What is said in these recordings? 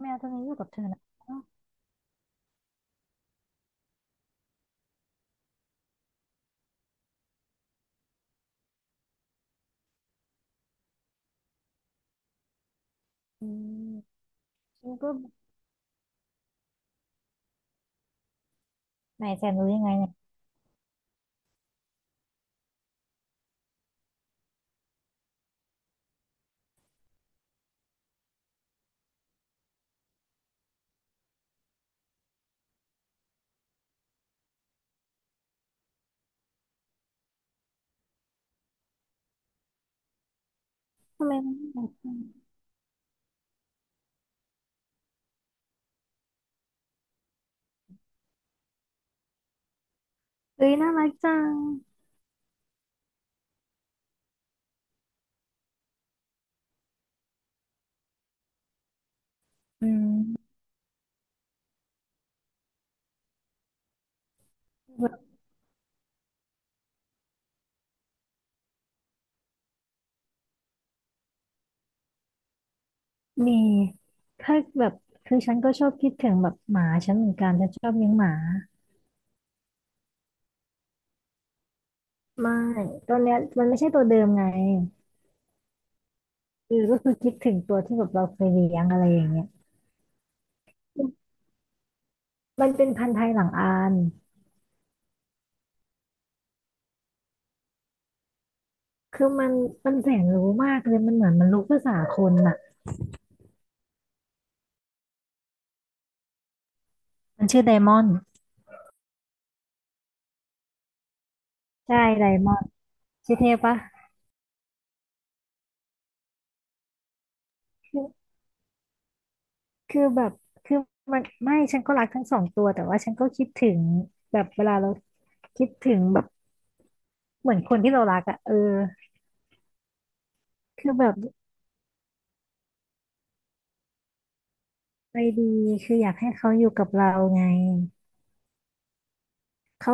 แมวตัวนี้อยู่กับเธอนะอืมฉันก็ไหนแสนรู้ยังไงเนี่ยทำไมมันน่ารักจังเอ้ยน่ารักจังอืมแบบมีถ้าแบบคือฉันก็ชอบคิดถึงแบบหมาฉันเหมือนกันฉันชอบเลี้ยงหมาไม่ ตอนเนี้ยมันไม่ใช่ตัวเดิมไงก็คือคิดถึงตัวที่แบบเราเคยเลี้ยงอะไรอย่างเงี้ยมันเป็นพันธุ์ไทยหลังอานคือมันแสนรู้มากเลย มันเหมือนมันรู้ภาษาคนอ่ะมันชื่อไดมอนด์ใช่ไดมอนด์ชื่อเทพปะ คือแบบคือมันไม่ฉันก็รักทั้งสองตัวแต่ว่าฉันก็คิดถึงแบบเวลาเราคิดถึงแบบเหมือนคนที่เรารักอะเออคือแบบใจดีคืออยากให้เขาอยู่กับเราไงเขา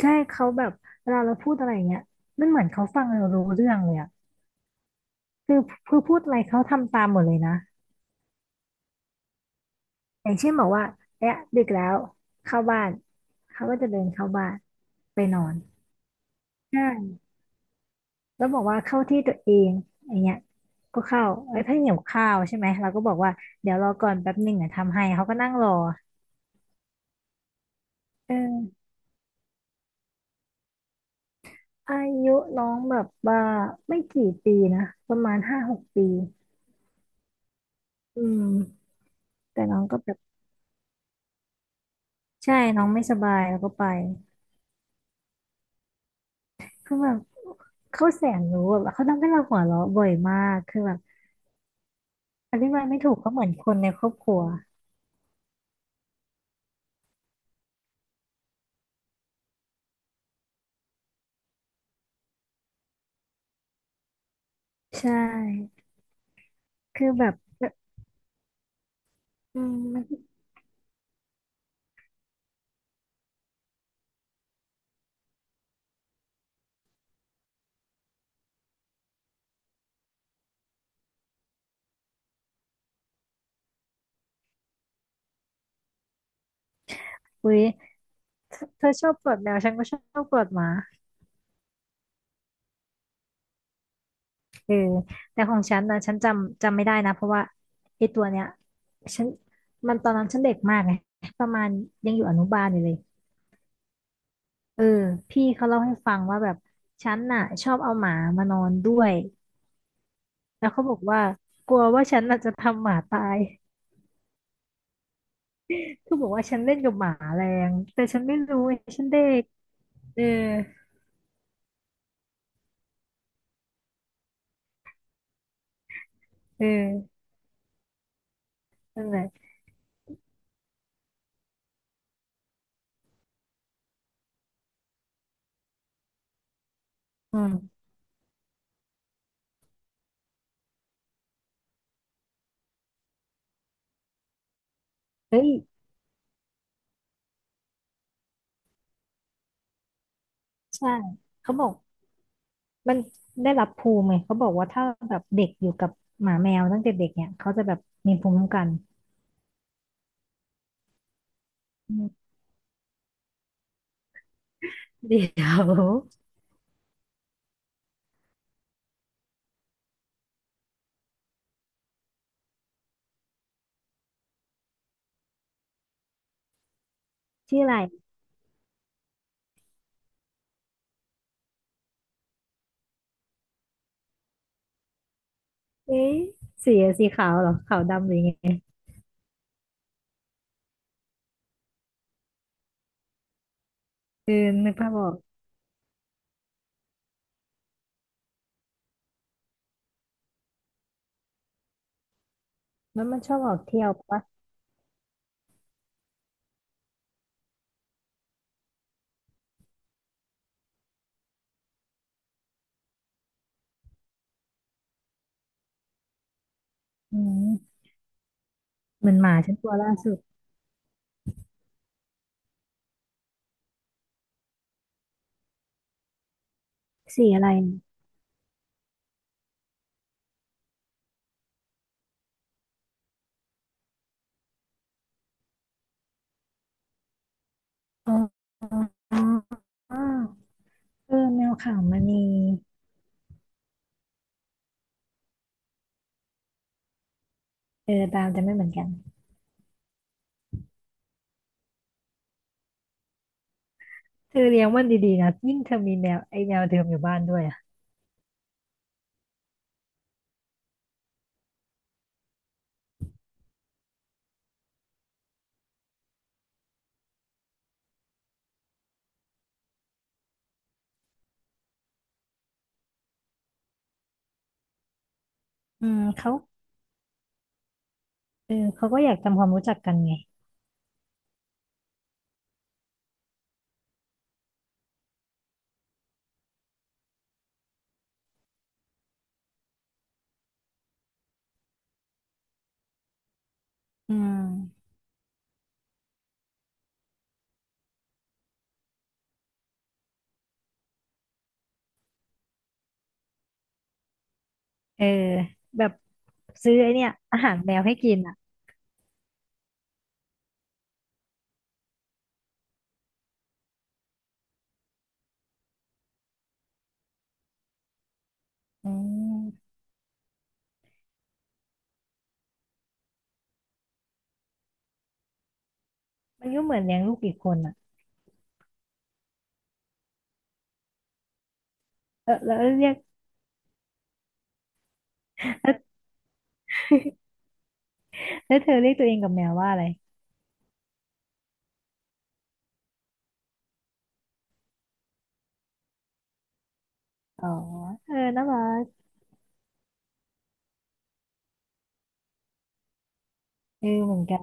ใช่เขาแบบเวลาเราพูดอะไรอย่างเงี้ยมันเหมือนเขาฟังเรารู้เรื่องเลยอะคือคือพูดอะไรเขาทำตามหมดเลยนะอย่างเช่นบอกว่าเนี่ยดึกแล้วเข้าบ้านเขาก็จะเดินเข้าบ้านไปนอนใช่ แล้วบอกว่าเข้าที่ตัวเองอย่างเงี้ยก็เข้าไอ้ยถ้าเพิ่งวข้าวใช่ไหมเราก็บอกว่าเดี๋ยวรอก่อนแป๊บหนึ่งอ่ะทำให้เขาก็นั่งรอเอออายุน้องแบบว่าไม่กี่ปีนะประมาณ5-6 ปีอืมแต่น้องก็แบบใช่น้องไม่สบายแล้วก็ไปคือแบบเขาแสนรู้แบบเขาทำให้เราหัวเราะบ่อยมากคือแบบอธิบายไม่ถูกเขาเหมือนคนในครอบครัวใช่คือแบบอืมอุ๊ยเธอชอบกอดแมวฉันก็ชอบกอดหมา เออแต่ของฉันนะฉันจำไม่ได้นะเพราะว่าไอ้ตัวเนี้ยฉันมันตอนนั้นฉันเด็กมากไงประมาณยังอยู่อนุบาลอยู่เลยเออพี่เขาเล่าให้ฟังว่าแบบฉันน่ะชอบเอาหมามานอนด้วยแล้วเขาบอกว่ากลัวว่าฉันน่ะจะทำหมาตายคือบอกว่าฉันเล่นกับหมาแรงแต่ฉันไม่รู้ไงฉันเด็กเออเออนั่นแหละอืมเฮ้ยใช่เขาบอก มันได้รับภูมิไงเขาบอกว่าถ้าแบบเด็กอยู่กับหมาแมวตั้งแต่เด็กเนี่ยเขาจะแบบมีภูมิคุ้มกันอืมเดี๋ยวชื่ออะไรเอ๊ะสีสีขาวเหรอขาวดำหรือไงเออนึกภาพออกแล้วมันชอบออกเที่ยวปะอืมเหมือนหมาฉันตัวล่าสุดสีอะไรอ๋ออ๋ออ๋อเออแมวขาวมณีเออตามจะไม่เหมือนกันเธอเลี้ยงมันดีๆนะยิ่งเธอมีแมวไอ้แมวเดิมอยู่บ้านด้วยอ่ะอืมเขาเออเขาก็อยากทำความรู้จักกันไง อืมเออแบบซื้อไอเนี่ยอาหารแมวให้กินอ่ะอืมมันก็เหมือนเลี้ยงลูกอีกคนอ่ะเออแล้วเรียก แล้วแล้วเธอเรียกตัวเองกับแมวว่าอะไรอ๋อเออน่ารักเออเหมือนกัน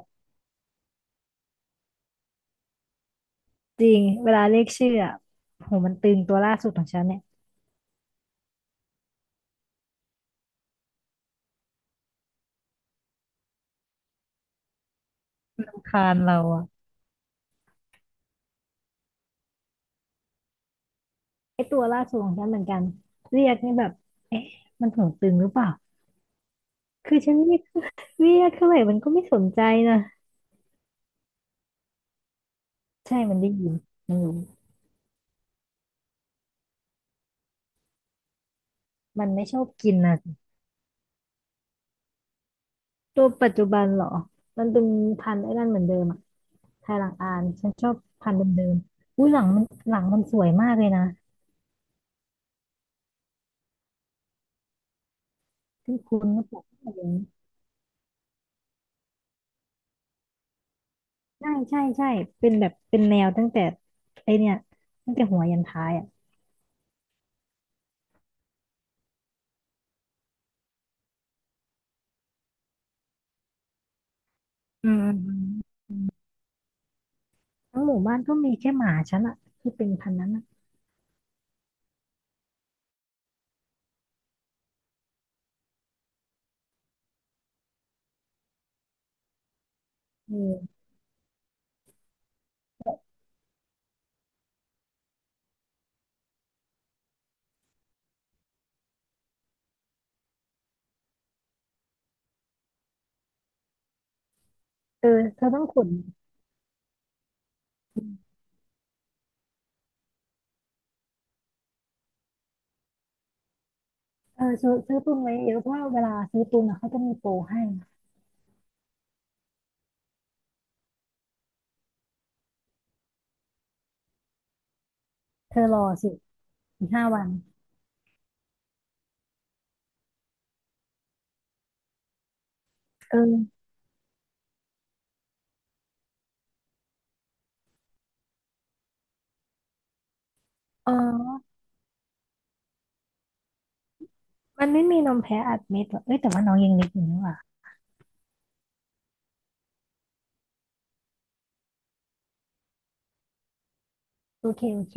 จริงเวลาเรียกชื่ออ่ะโหมันตึงตัวล่าสุดของฉันเนี่ยรำคานเราอ่ะไอตัวล่าสุดของฉันเหมือนกันเรียกนี่แบบเอ๊ะมันหูตึงหรือเปล่าคือฉันเรียกเท่าไหร่มันก็ไม่สนใจนะใช่มันได้ยินมันรู้มันไม่ชอบกินนะ ตัวปัจจุบันเหรอ มันเป็นพันธุ์ไอ้นั่นเหมือนเดิมอะไทยหลังอานฉันชอบพันธุ์เดิมๆอุ้ยหลังมันหลังมันสวยมากเลยนะที่คุณก็บอกว่าอย่างนี้ใช่ใช่ใช่เป็นแบบเป็นแนวตั้งแต่ไอเนี่ยตั้งแต่หัวยันท้ายอ่ะอืมอืมอืมทั้งหมู่บ้านก็มีแค่หมาฉันอะที่เป็นพันธุ์นั้นอะเออเออเธอต้องขนเออซื้อตุนไว้เยอะเพราะว่าเวลาซื้อตุนอะเขาจะมีโปรให้ เธอรอสิอีก5 วันเอออ๋อ มันไม่มีนมแพ้อัดเม็ดห่ะเอ้ยแต่ว่าน้องยังเล็กอยู่นี่ว่ะโอเคโอเค